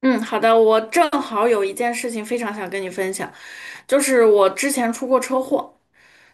嗯，好的，我正好有一件事情非常想跟你分享，就是我之前出过车祸。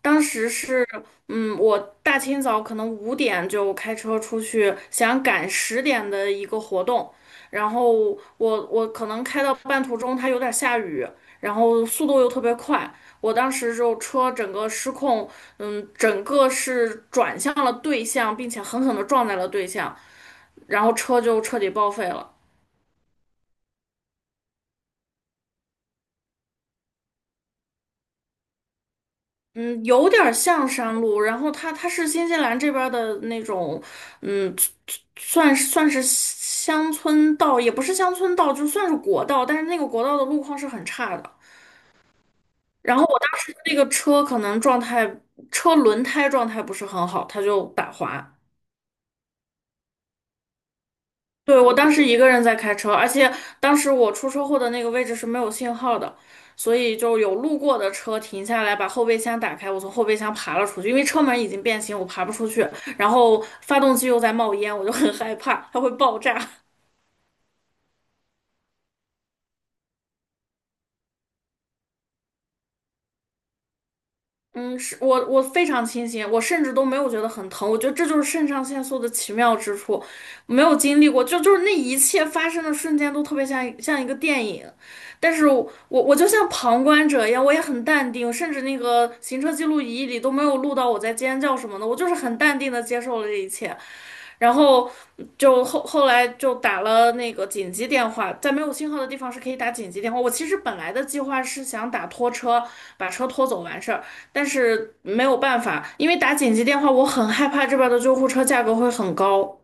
当时是，我大清早可能5点就开车出去，想赶10点的一个活动。然后我可能开到半途中，它有点下雨，然后速度又特别快，我当时就车整个失控。整个是转向了对向，并且狠狠地撞在了对向，然后车就彻底报废了。嗯，有点儿像山路，然后它是新西兰这边儿的那种。嗯，算是乡村道，也不是乡村道，就算是国道，但是那个国道的路况是很差的。然后我当时那个车可能状态，车轮胎状态不是很好，它就打滑。对，我当时一个人在开车，而且当时我出车祸的那个位置是没有信号的，所以就有路过的车停下来，把后备箱打开，我从后备箱爬了出去，因为车门已经变形，我爬不出去，然后发动机又在冒烟，我就很害怕，它会爆炸。嗯，是我非常清醒，我甚至都没有觉得很疼，我觉得这就是肾上腺素的奇妙之处，没有经历过，就是那一切发生的瞬间都特别像一个电影，但是我就像旁观者一样，我也很淡定，甚至那个行车记录仪里都没有录到我在尖叫什么的，我就是很淡定的接受了这一切。然后后来就打了那个紧急电话，在没有信号的地方是可以打紧急电话。我其实本来的计划是想打拖车，把车拖走完事儿，但是没有办法，因为打紧急电话，我很害怕这边的救护车价格会很高。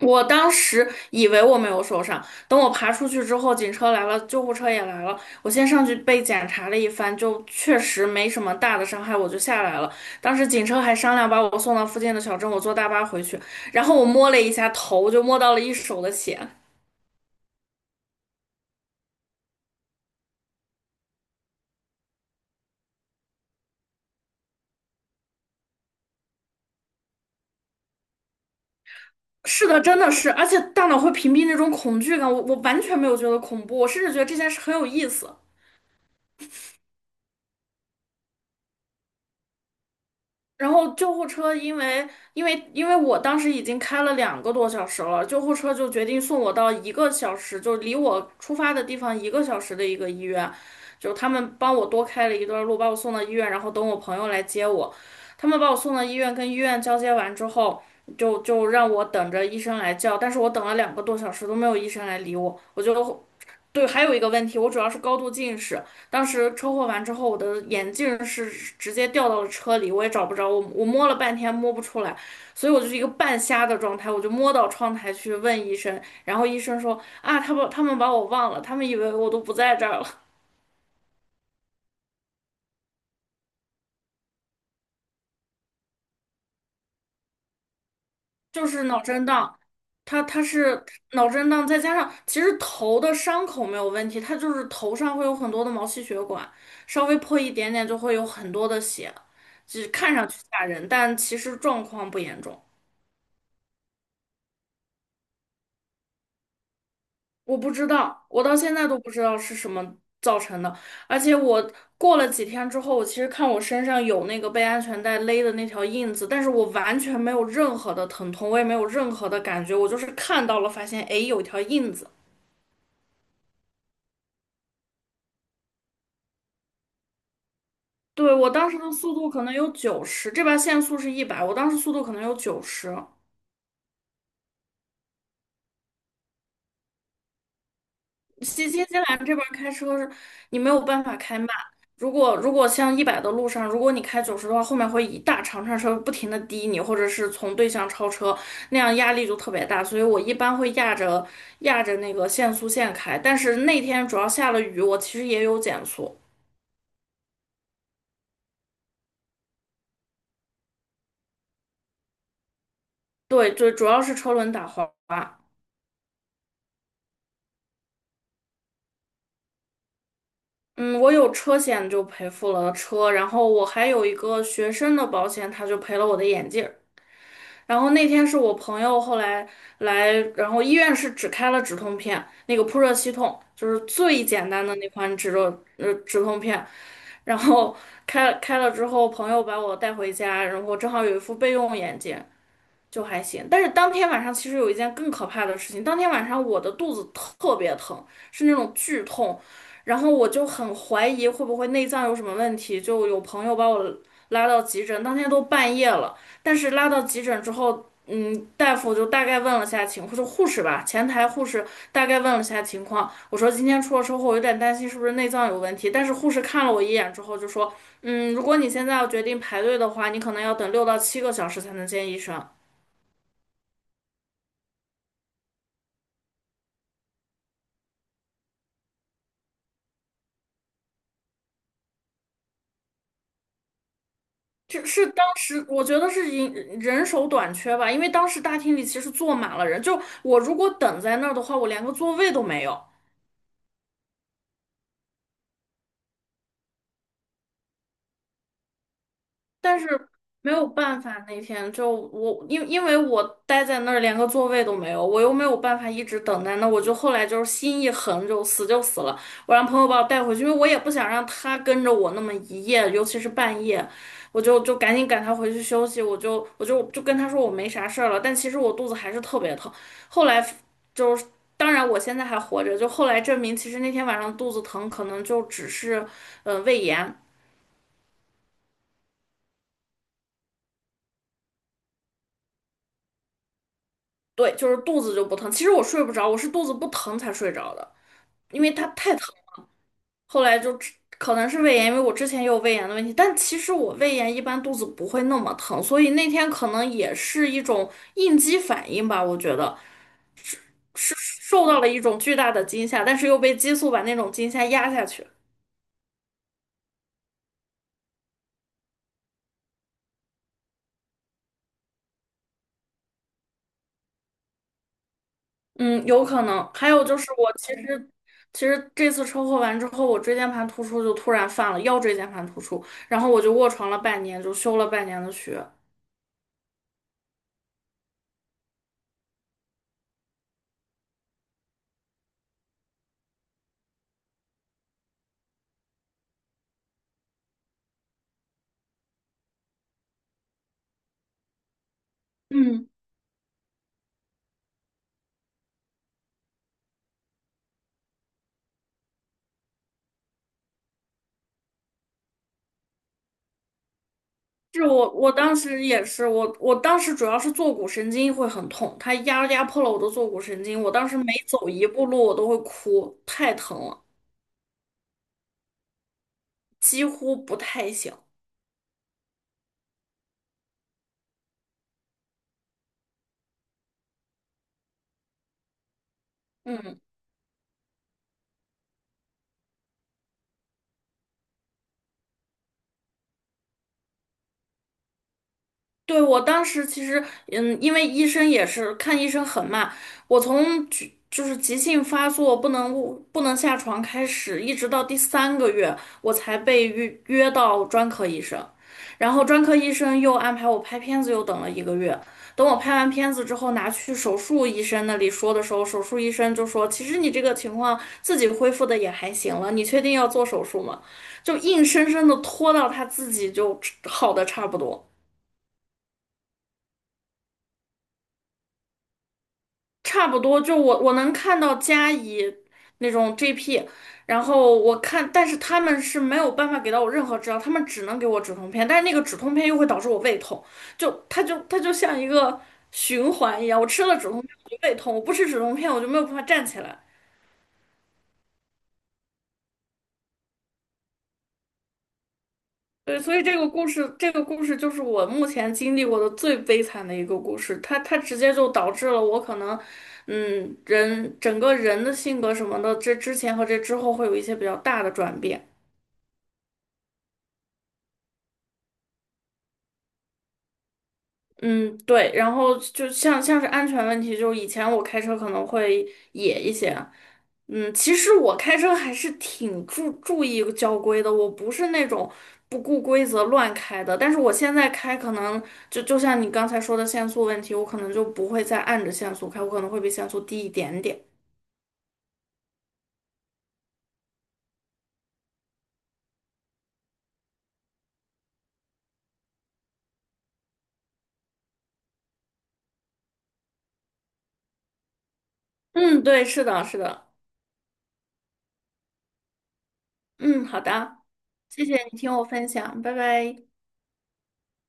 我当时以为我没有受伤，等我爬出去之后，警车来了，救护车也来了。我先上去被检查了一番，就确实没什么大的伤害，我就下来了。当时警车还商量把我送到附近的小镇，我坐大巴回去。然后我摸了一下头，就摸到了一手的血。是的，真的是，而且大脑会屏蔽那种恐惧感，我完全没有觉得恐怖，我甚至觉得这件事很有意思。然后救护车因为因为我当时已经开了两个多小时了，救护车就决定送我到一个小时，就离我出发的地方一个小时的一个医院，就他们帮我多开了一段路，把我送到医院，然后等我朋友来接我。他们把我送到医院，跟医院交接完之后，就让我等着医生来叫，但是我等了两个多小时都没有医生来理我，我就对，还有一个问题，我主要是高度近视。当时车祸完之后，我的眼镜是直接掉到了车里，我也找不着，我摸了半天摸不出来，所以我就是一个半瞎的状态，我就摸到窗台去问医生，然后医生说啊，他把他们把我忘了，他们以为我都不在这儿了。就是脑震荡，他是脑震荡，再加上其实头的伤口没有问题，他就是头上会有很多的毛细血管，稍微破一点点就会有很多的血，就是看上去吓人，但其实状况不严重。我不知道，我到现在都不知道是什么造成的。而且我过了几天之后，我其实看我身上有那个被安全带勒的那条印子，但是我完全没有任何的疼痛，我也没有任何的感觉，我就是看到了，发现诶有一条印子。对，我当时的速度可能有九十，这边限速是一百，我当时速度可能有九十。新西兰这边儿开车是你没有办法开慢。如果像一百的路上，如果你开九十的话，后面会一大长串车不停的滴你，或者是从对向超车，那样压力就特别大。所以我一般会压着那个限速线开。但是那天主要下了雨，我其实也有减速。对对，主要是车轮打滑。嗯，我有车险就赔付了车，然后我还有一个学生的保险，他就赔了我的眼镜。然后那天是我朋友后来来，然后医院是只开了止痛片，那个扑热息痛就是最简单的那款止痛片，然后开了之后，朋友把我带回家，然后正好有一副备用眼镜，就还行。但是当天晚上其实有一件更可怕的事情，当天晚上我的肚子特别疼，是那种剧痛，然后我就很怀疑会不会内脏有什么问题，就有朋友把我拉到急诊，当天都半夜了，但是拉到急诊之后。嗯，大夫就大概问了下情况，就护士吧，前台护士大概问了下情况。我说今天出了车祸，我有点担心是不是内脏有问题。但是护士看了我一眼之后就说，嗯，如果你现在要决定排队的话，你可能要等6到7个小时才能见医生。这是当时我觉得是人手短缺吧，因为当时大厅里其实坐满了人，就我如果等在那儿的话，我连个座位都没有。但是没有办法，那天就我因为我待在那儿连个座位都没有，我又没有办法一直等待，那我就后来就是心一横，就死了。我让朋友把我带回去，因为我也不想让他跟着我那么一夜，尤其是半夜，我就赶紧赶他回去休息。我就跟他说我没啥事儿了，但其实我肚子还是特别疼。后来就是。当然，我现在还活着。就后来证明，其实那天晚上肚子疼，可能就只是，胃炎。对，就是肚子就不疼。其实我睡不着，我是肚子不疼才睡着的，因为它太疼。后来就只可能是胃炎，因为我之前也有胃炎的问题，但其实我胃炎一般肚子不会那么疼，所以那天可能也是一种应激反应吧，我觉得是受到了一种巨大的惊吓，但是又被激素把那种惊吓压下去。嗯，有可能。还有就是我其实。其实这次车祸完之后，我椎间盘突出就突然犯了腰椎间盘突出，然后我就卧床了半年，就休了半年的学。嗯。是我，我当时也是，我当时主要是坐骨神经会很痛，它压迫了我的坐骨神经，我当时每走一步路我都会哭，太疼了，几乎不太行。嗯。对，我当时其实，嗯，因为医生也是看医生很慢，我从急就是急性发作不能下床开始，一直到第3个月，我才被约到专科医生，然后专科医生又安排我拍片子，又等了1个月。等我拍完片子之后，拿去手术医生那里说的时候，手术医生就说："其实你这个情况自己恢复的也还行了，你确定要做手术吗？"就硬生生的拖到他自己就好的差不多。差不多，就我能看到佳怡那种 GP,然后我看，但是他们是没有办法给到我任何治疗，他们只能给我止痛片，但是那个止痛片又会导致我胃痛，就它就像一个循环一样，我吃了止痛片我就胃痛，我不吃止痛片我就没有办法站起来。对，所以这个故事就是我目前经历过的最悲惨的一个故事，它直接就导致了我可能。嗯，人整个人的性格什么的，这之前和这之后会有一些比较大的转变。嗯，对，然后像是安全问题，就是以前我开车可能会野一些，嗯，其实我开车还是挺注意交规的，我不是那种不顾规则乱开的，但是我现在开可能就像你刚才说的限速问题，我可能就不会再按着限速开，我可能会比限速低一点点。嗯，对，是的，是的，嗯，好的，谢谢你听我分享，拜拜。